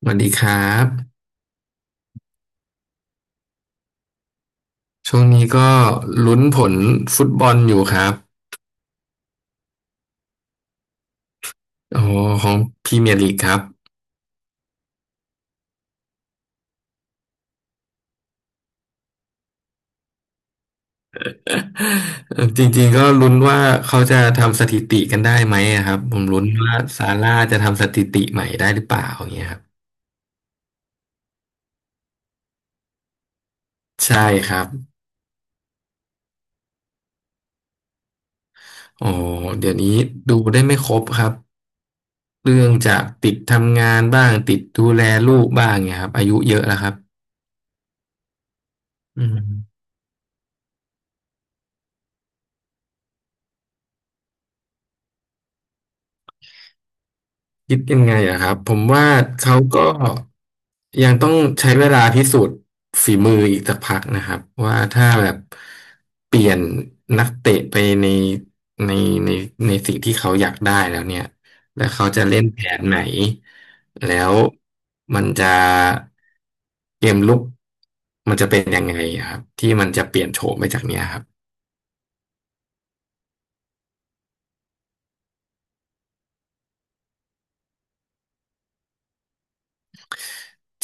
สวัสดีครับช่วงนี้ก็ลุ้นผลฟุตบอลอยู่ครับอ๋อของพรีเมียร์ลีกครับ จริงๆก็ลุ้นว่าเขาจะทำสถิติกันได้ไหมอะครับผมลุ้นว่าซาร่าจะทำสถิติใหม่ได้หรือเปล่าอย่างเงี้ยครับใช่ครับอ๋อเดี๋ยวนี้ดูได้ไม่ครบครับเรื่องจากติดทำงานบ้างติดดูแลลูกบ้างเงี้ยครับอายุเยอะแล้วครับอืม คิดยังไงอะครับผมว่าเขาก็ยังต้องใช้เวลาพิสูจน์ฝีมืออีกสักพักนะครับว่าถ้าแบบเปลี่ยนนักเตะไปในในในในสิ่งที่เขาอยากได้แล้วเนี่ยแล้วเขาจะเล่นแผนไหนแล้วมันจะเกมลุกมันจะเป็นยังไงอะครับที่มันจะเปลี่ยนโฉมไปจากเนี้ยครับ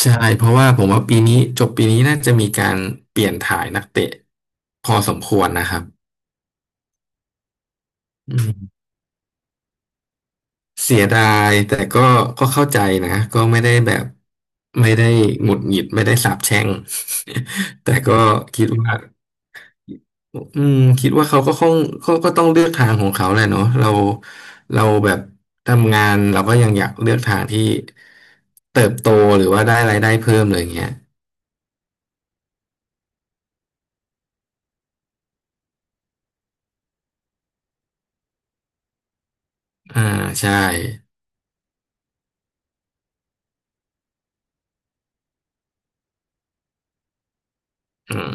ใช่เพราะว่าผมว่าปีนี้จบปีนี้น่าจะมีการเปลี่ยนถ่ายนักเตะพอสมควรนะครับ อืมเสียดายแต่ก็เข้าใจนะก็ไม่ได้แบบไม่ได้หงุดหงิดไม่ได้สาปแช่ง แต่ก็คิดว่าคิดว่าเขาก็คงเขาก็ต้องเลือกทางของเขาแหละเนาะเราแบบทำงานเราก็ยังอยากเลือกทางที่เติบโตหรือว่าได้รายได้เพิ่มเลยอย่างเงี้ยอ่าใช่อืม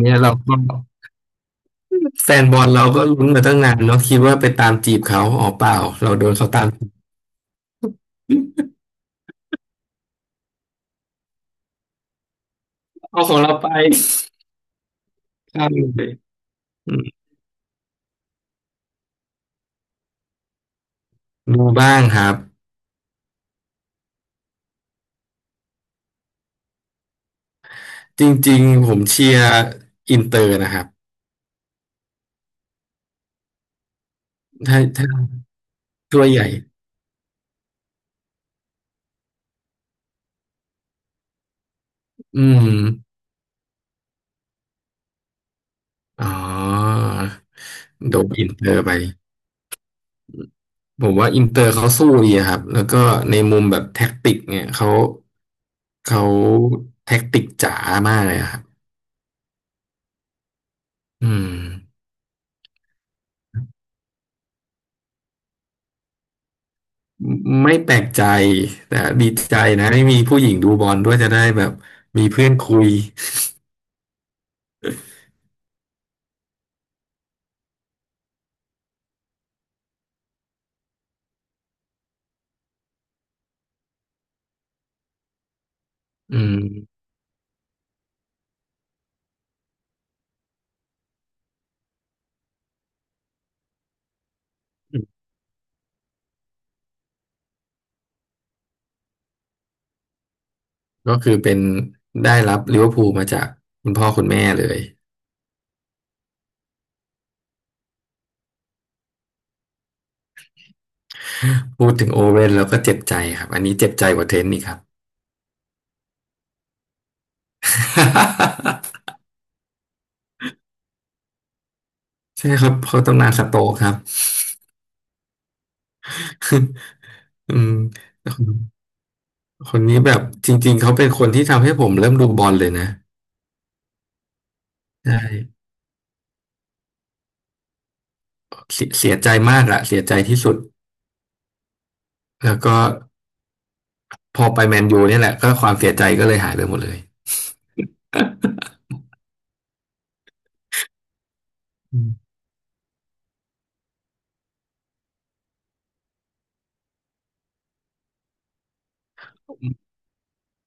เนี่ยเราก็แฟนบอลเราก็ลุ้นมาตั้งนานเนาะคิดว่าไปตามจีบเขาอ๋อเปล่าเราโดนเขาตามจีบ เอาของเราไปใช่อืมดูบ้างครับ จริงๆผมเชียร์อินเตอร์นะครับ ถ้าถ้วยใหญ่อืมอ๋อ โดนอินเตอร์ไป ผมว่าอินเตอร์เขาสู้ดีอะครับ แล้วก็ในมุมแบบแท็กติกเนี่ยเขาแท็กติกจ๋ามากเลยอะครับอืมไม่แปลกใจแต่ดีใจนะที่มีผู้หญิงดูบอลด้วยจะได้แบบมีเพื่อนคุยอืม ก็คือเป็นได้รับลิเวอร์พูลมาจากคุณพ่อคุณแม่เลยพูดถึงโอเว่นแล้วก็เจ็บใจครับอันนี้เจ็บใจกว่าเทนนี่ครับ ใช่ครับเขาตำนานสโต๊กครับ อืมคนคนนี้แบบจริงๆเขาเป็นคนที่ทำให้ผมเริ่มดูบอลเลยนะใช่เสียเสียใจมากอะเสียใจที่สุดแล้วก็พอไปแมนยูเนี่ยแหละก็ความเสียใจก็เลยหายไปหมดเลยอืม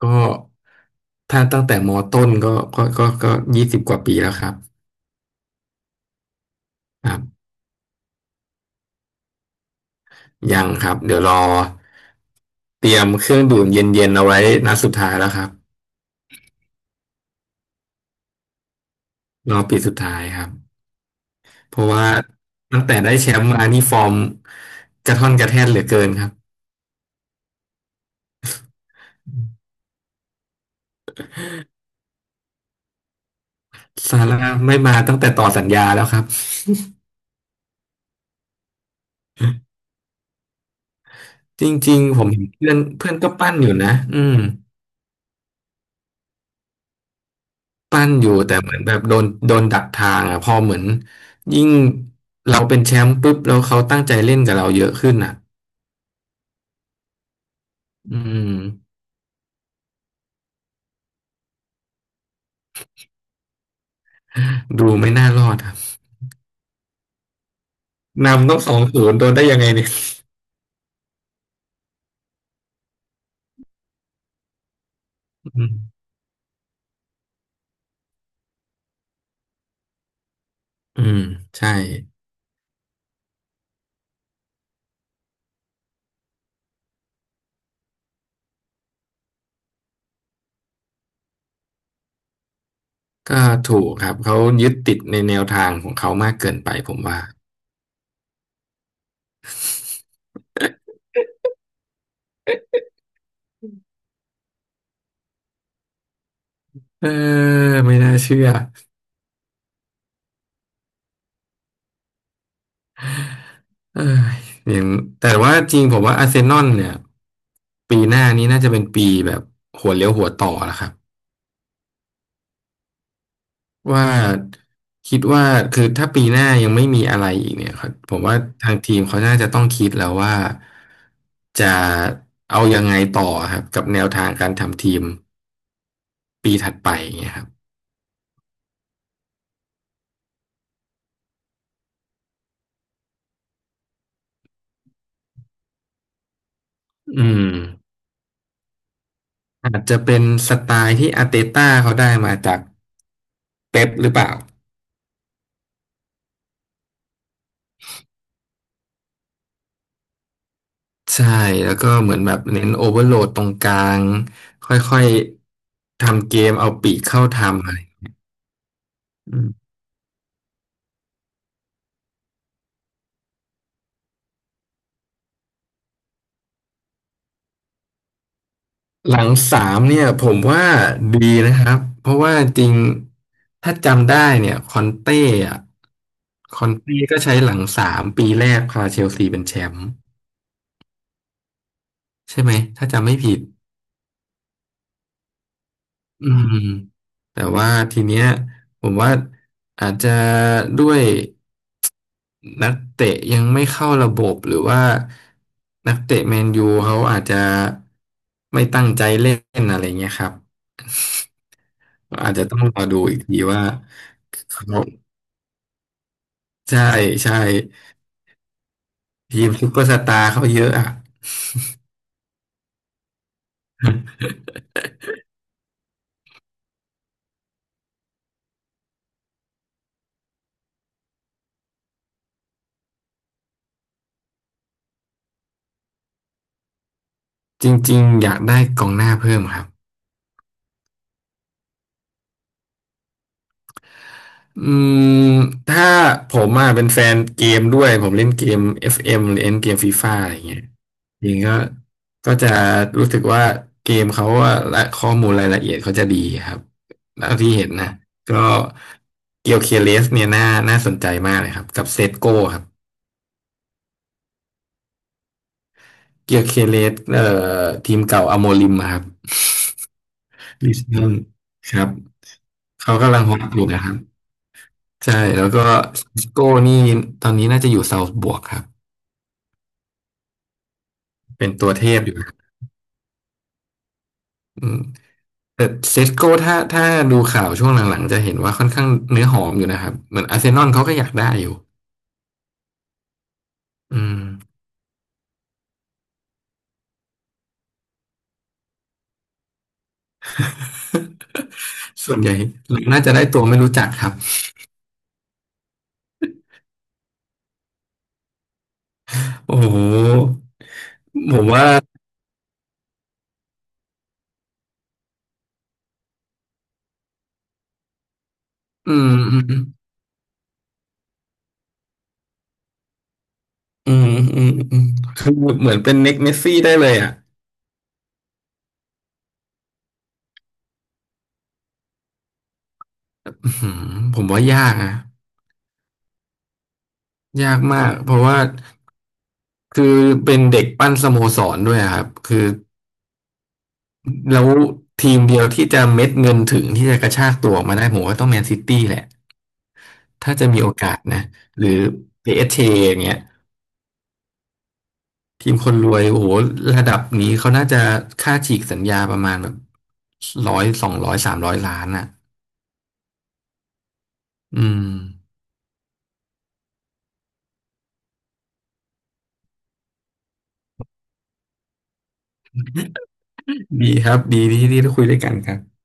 ก็ถ้าตั้งแต่มอต้นก็20 กว่าปีแล้วครับครับ ยังครับเดี๋ยวรอเตรียมเครื่องดื่มเย็นๆเอาไว้นัดสุดท้ายแล้วครับรอบปีสุดท้ายครับเพราะว่าตั้งแต่ได้แชมป์มานี่ฟอร์มกระท่อนกระแท่นเหลือเกินครับซาร่าไม่มาตั้งแต่ต่อสัญญาแล้วครับจริงๆผมเห็นเพื่อนเพื่อนก็ปั้นอยู่นะอืมปั้นอยู่แต่เหมือนแบบโดนดักทางอ่ะพอเหมือนยิ่งเราเป็นแชมป์ปุ๊บแล้วเขาตั้งใจเล่นกับเราเยอะขึ้นอ่ะอืมดูไม่น่ารอดครับนำต้อง2-0โดนได้ยังไงเนี่ย อืมอืมใช่ก็ถูกครับเขายึดติดในแนวทางของเขามากเกินไปผมว่าเออไม่น่าเชื่อเอออย่างแต่ว่าจริงผมว่าอาร์เซนอลเนี่ยปีหน้านี้น่าจะเป็นปีแบบหัวเลี้ยวหัวต่อแล้วครับว่าคิดว่าคือถ้าปีหน้ายังไม่มีอะไรอีกเนี่ยครับผมว่าทางทีมเขาน่าจะต้องคิดแล้วว่าจะเอายังไงต่อครับกับแนวทางการทำทีมปีถัดไปอย่างเงี้ยครับอืม อาจจะเป็นสไตล์ที่อาร์เตต้าเขาได้มาจากเป๊ปหรือเปล่าใช่แล้วก็เหมือนแบบเน้นโอเวอร์โหลดตรงกลางค่อยๆทำเกมเอาปีกเข้าทำอะไรอืมหลังสามเนี่ยผมว่าดีนะครับเพราะว่าจริงถ้าจำได้เนี่ยคอนเต้อะคอนเต้ก็ใช้หลังสามปีแรกพาเชลซีเป็นแชมป์ใช่ไหมถ้าจำไม่ผิดอืมแต่ว่าทีเนี้ยผมว่าอาจจะด้วย นักเตะยังไม่เข้าระบบหรือว่านักเตะแมนยูเขาอาจจะไม่ตั้งใจเล่นอะไรเงี้ยครับอาจจะต้องรอดูอีกทีว่าเขาใช่ใช่ทีมซุปเปอร์สตาร์เขาเยอะอ่ะจริงๆอยากได้กองหน้าเพิ่มครับ อืมถ้าผมอ่ะเป็นแฟนเกมด้วยผมเล่นเกม FM หรือเล่นเกมฟีฟ่าอะไรเงี้ยจริงก็ก็จะรู้สึกว่าเกมเขาอะและข้อมูลรายละเอียดเขาจะดีครับเท่าที่เห็นนะก็เกียวเคเลสเนี่ยน่าสนใจมากเลยครับกับเซตโก้ครับเกียวเคเลสทีมเก่าอโมริมอะครับลิสบอนครับเขากำลังฮอตอยู่นะครับใช่แล้วก็ซิสโก้นี่ตอนนี้น่าจะอยู่เซาท์บวกครับเป็นตัวเทพอยู่ อืมแต่เซสโก้ถ้าดูข่าวช่วงหลังๆจะเห็นว่าค่อนข้างเนื้อหอมอยู่นะครับเหมือนอาร์เซนอลเขาก็อยากได้อยู่อืม ส่วนใหญ่น่าจะได้ตัวไม่รู้จักครับโอ้โหผมว่าอืมอืมอืมอืมอืมคือเหมือนเป็นเน็กเมสซี่ได้เลยอ่ะอื้อหือผมว่ายากนะยากมากเพราะว่าคือเป็นเด็กปั้นสโมสรด้วยอะครับคือ แล้วทีมเดียวที่จะเม็ดเงินถึงที่จะกระชากตัวออกมาได้ผมว่าต้องแมนซิตี้แหละถ้าจะมีโอกาสนะหรือ PSG อสจีอย่างเงี้ยทีมคนรวยโอ้โหระดับนี้เขาน่าจะค่าฉีกสัญญาประมาณแบบ100 200 300 ล้านอ่ะอืมดีครับดีที่ที่ได้คุยด้วยกันครับ